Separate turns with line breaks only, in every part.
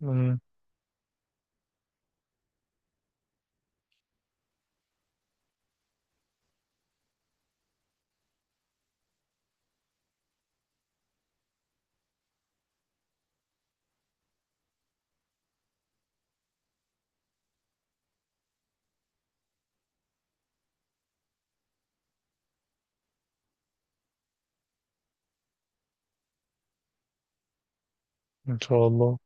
مم. ان شاء الله.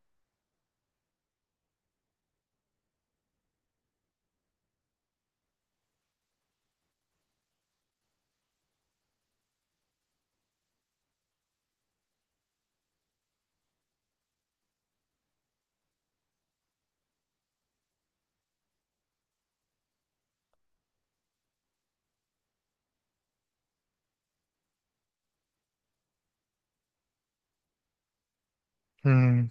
مم.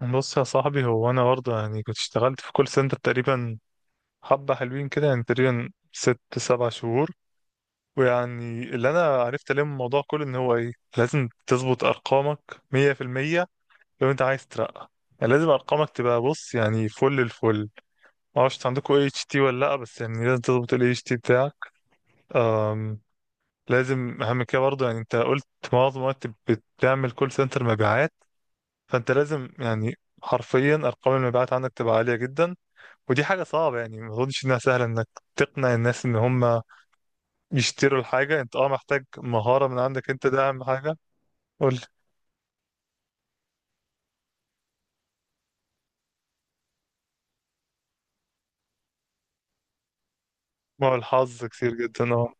بص يا صاحبي، هو انا برضه يعني كنت اشتغلت في كول سنتر تقريبا حبة حلوين كده، يعني تقريبا ست سبع شهور. ويعني اللي انا عرفت عليه من الموضوع كله ان هو ايه، لازم تظبط ارقامك مية في المية. لو انت عايز ترقى يعني لازم ارقامك تبقى، بص يعني، فل الفل. ما اعرفش عندكم اي اتش تي ولا لا، بس يعني لازم تظبط الاي اتش تي بتاعك. أم. لازم اهم كده برضه. يعني انت قلت معظم الوقت بتعمل كول سنتر مبيعات، فانت لازم يعني حرفيا ارقام المبيعات عندك تبقى عاليه جدا. ودي حاجه صعبه، يعني ما اظنش انها سهله انك تقنع الناس ان هم يشتروا الحاجه. انت اه محتاج مهاره من عندك، انت ده اهم حاجه. قول لي. ما هو الحظ كتير جدا، اه.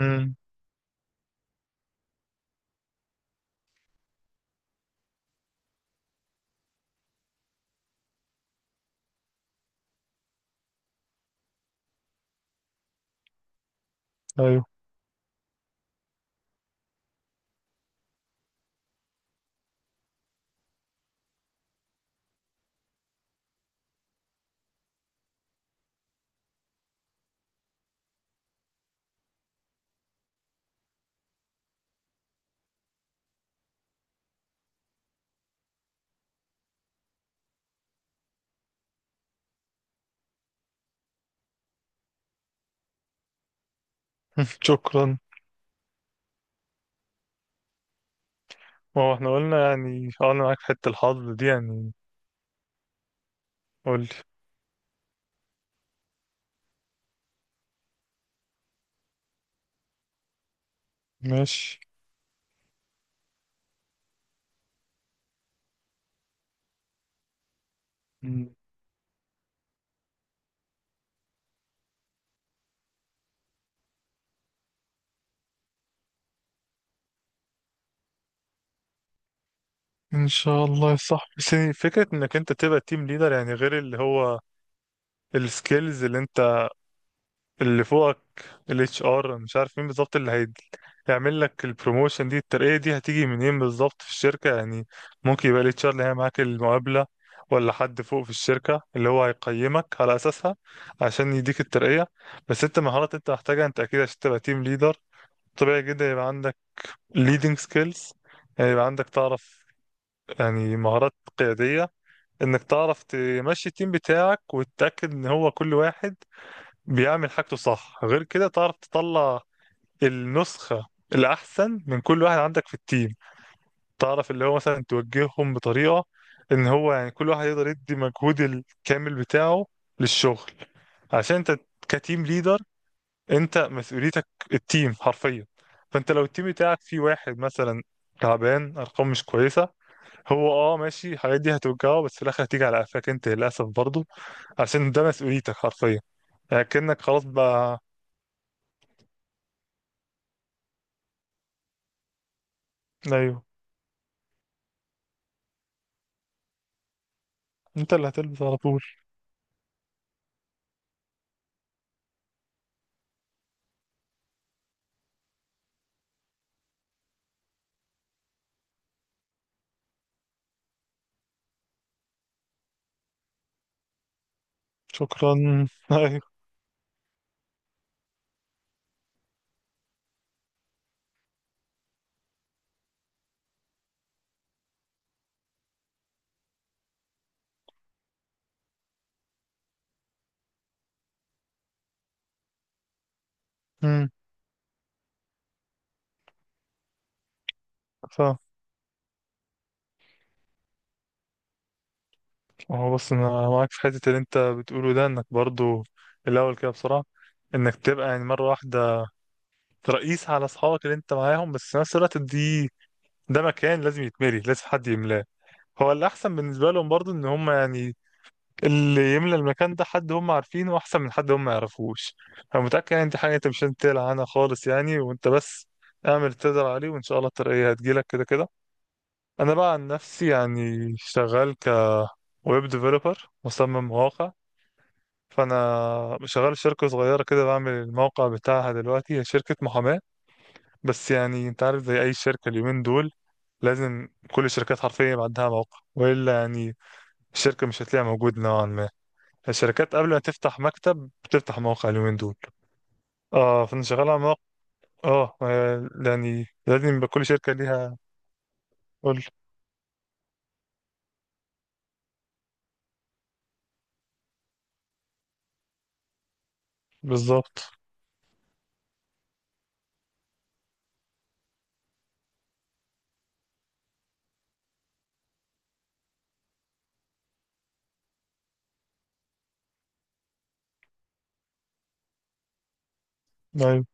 امم ايوه. شكرا. ما هو احنا قلنا يعني اه انا معاك في حته الحظ دي يعني. قول لي. ماشي. مم. ان شاء الله يا صاحبي. بس يعني فكره انك انت تبقى تيم ليدر، يعني غير اللي هو السكيلز اللي انت اللي فوقك، الاتش ار مش عارف مين بالظبط، هيعمل لك البروموشن دي، الترقية دي هتيجي منين بالظبط في الشركة يعني؟ ممكن يبقى الاتش ار اللي هي معاك المقابلة، ولا حد فوق في الشركة اللي هو هيقيمك على أساسها عشان يديك الترقية. بس انت مهارات انت محتاجها انت أكيد عشان تبقى تيم ليدر. طبيعي جدا يبقى عندك leading skills، يعني يبقى عندك تعرف يعني مهارات قيادية، انك تعرف تمشي التيم بتاعك وتتأكد ان هو كل واحد بيعمل حاجته صح. غير كده تعرف تطلع النسخة الأحسن من كل واحد عندك في التيم. تعرف اللي هو مثلا توجههم بطريقة إن هو يعني كل واحد يقدر يدي مجهود الكامل بتاعه للشغل. عشان أنت كتيم ليدر أنت مسؤوليتك التيم حرفيا. فأنت لو التيم بتاعك فيه واحد مثلا تعبان، أرقام مش كويسة، هو أه ماشي الحاجات دي هتوجهه، بس في الآخر هتيجي على قفاك أنت للأسف برضه، عشان ده مسؤوليتك حرفيا. يعني كأنك خلاص بقى. ايوه. انت اللي هتلبس على طول. شكرا ايوه. امم. فاهم. هو بص انا معاك في حته اللي انت بتقوله ده، انك برضو الاول كده بسرعه انك تبقى يعني مره واحده رئيس على اصحابك اللي انت معاهم. بس في نفس الوقت دي ده مكان لازم يتملي، لازم حد يملاه. هو الاحسن بالنسبه لهم برضو ان هم يعني اللي يملى المكان ده حد هم عارفينه، احسن من حد هم ما يعرفوش. انا متاكد يعني دي حاجه انت مش هتقلق عنها خالص، يعني وانت بس اعمل اللي تقدر عليه وان شاء الله الترقيه هتجيلك كده كده. انا بقى عن نفسي يعني شغال كويب ديفلوبر، مصمم مواقع. فانا شغال في شركه صغيره كده بعمل الموقع بتاعها دلوقتي، هي شركه محاماه. بس يعني انت عارف زي اي شركه اليومين دول لازم كل الشركات حرفيا يبقى عندها موقع، والا يعني الشركه مش هتلاقيها موجود نوعا ما. الشركات قبل ما تفتح مكتب بتفتح موقع اليومين دول. اه فانا شغال على موقع. اه يعني لازم يبقى كل شركه ليها. قول. بالظبط. ايوه.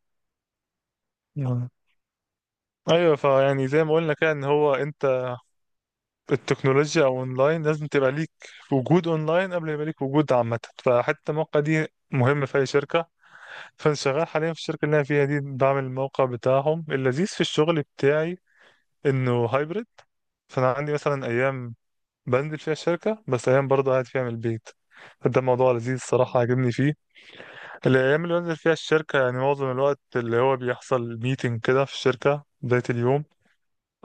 آه. ايوه. فيعني زي ما قلنا كده ان هو انت التكنولوجيا او اونلاين لازم تبقى ليك، وجود اونلاين قبل ما يبقى ليك وجود عامه، فحتى الموقع دي مهم في اي شركه. فانا شغال حاليا في الشركه اللي انا فيها دي بعمل الموقع بتاعهم. اللذيذ في الشغل بتاعي انه هايبرد. فانا عندي مثلا ايام بنزل فيها الشركه، بس ايام برضه قاعد فيها من البيت. ده موضوع لذيذ الصراحة عاجبني فيه. الأيام اللي بنزل فيها الشركة يعني معظم الوقت اللي هو بيحصل ميتنج كده في الشركة بداية اليوم.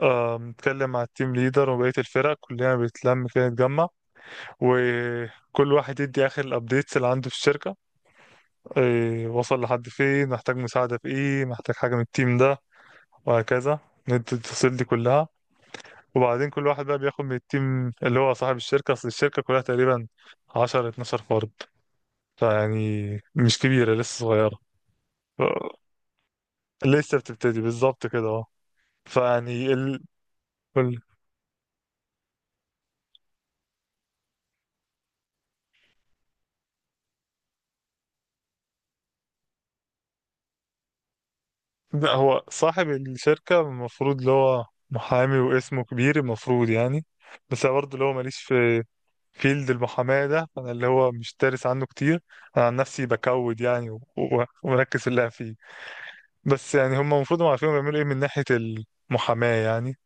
بنتكلم مع التيم ليدر وبقية الفرق، كلنا بنتلم كده نتجمع، وكل واحد يدي اخر الابديتس اللي عنده في الشركه. إيه وصل لحد فين، محتاج مساعده في ايه، محتاج حاجه من التيم ده، وهكذا. ندي التفاصيل دي كلها. وبعدين كل واحد بقى بياخد من التيم اللي هو صاحب الشركه. اصل الشركه كلها تقريبا 10 12 فرد، فيعني مش كبيره لسه صغيره. ف- لسه بتبتدي بالظبط كده اه. فيعني ال... لا، هو صاحب الشركه المفروض اللي هو محامي واسمه كبير المفروض يعني. بس أنا برضه اللي هو ماليش في فيلد المحاماة ده، أنا اللي هو مش دارس عنه كتير. أنا عن نفسي بكود يعني ومركز في اللي فيه. بس يعني هم المفروض هم عارفين بيعملوا إيه من ناحية المحاماة يعني.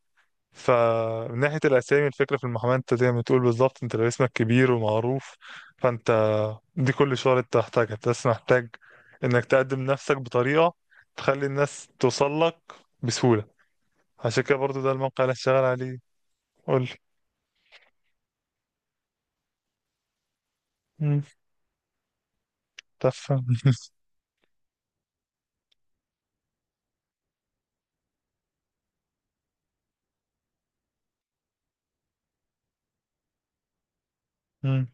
فمن ناحية الأسامي، الفكرة في المحاماة أنت زي ما بتقول بالظبط، أنت لو اسمك كبير ومعروف فأنت دي كل شغلة أنت محتاجها. أنت بس محتاج إنك تقدم نفسك بطريقة تخلي الناس توصل لك بسهولة. عشان كده برضو ده الموقع اللي هشتغل عليه. قول لي. مم. تفهم. مم.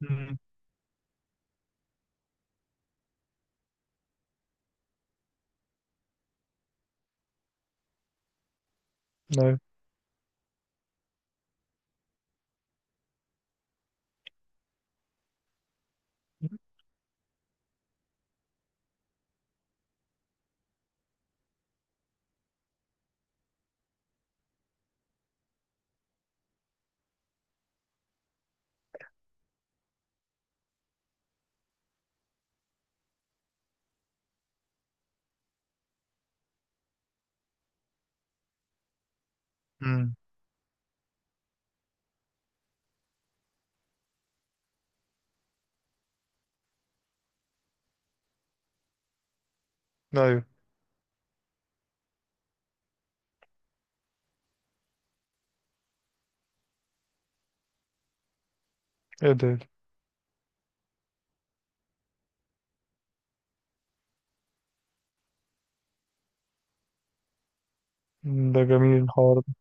مم. طيب. مم. ايوه. ايه ده. ده جميل الحوار ده.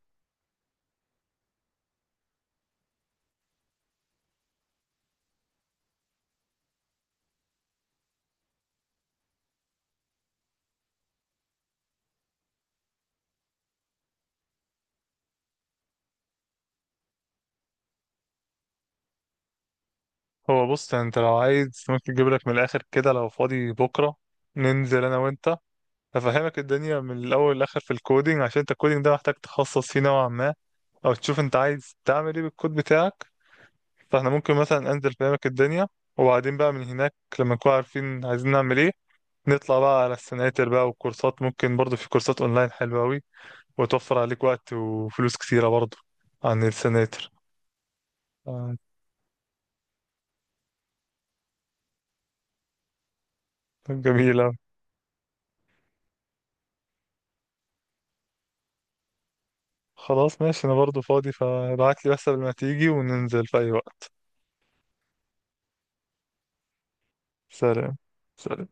هو بص يعني انت لو عايز ممكن اجيب لك من الاخر كده، لو فاضي بكره ننزل انا وانت، افهمك الدنيا من الاول للاخر في الكودينج، عشان انت الكودينج ده محتاج تخصص فيه نوعا ما، او تشوف انت عايز تعمل ايه بالكود بتاعك. فاحنا ممكن مثلا انزل افهمك الدنيا، وبعدين بقى من هناك لما نكون عارفين عايزين نعمل ايه، نطلع بقى على السناتر بقى والكورسات. ممكن برضه في كورسات اونلاين حلوه قوي وتوفر عليك وقت وفلوس كتيره برضه عن السناتر. آه، جميلة. خلاص ماشي، انا برضو فاضي، فابعت لي بس قبل ما تيجي وننزل في اي وقت. سلام. سلام.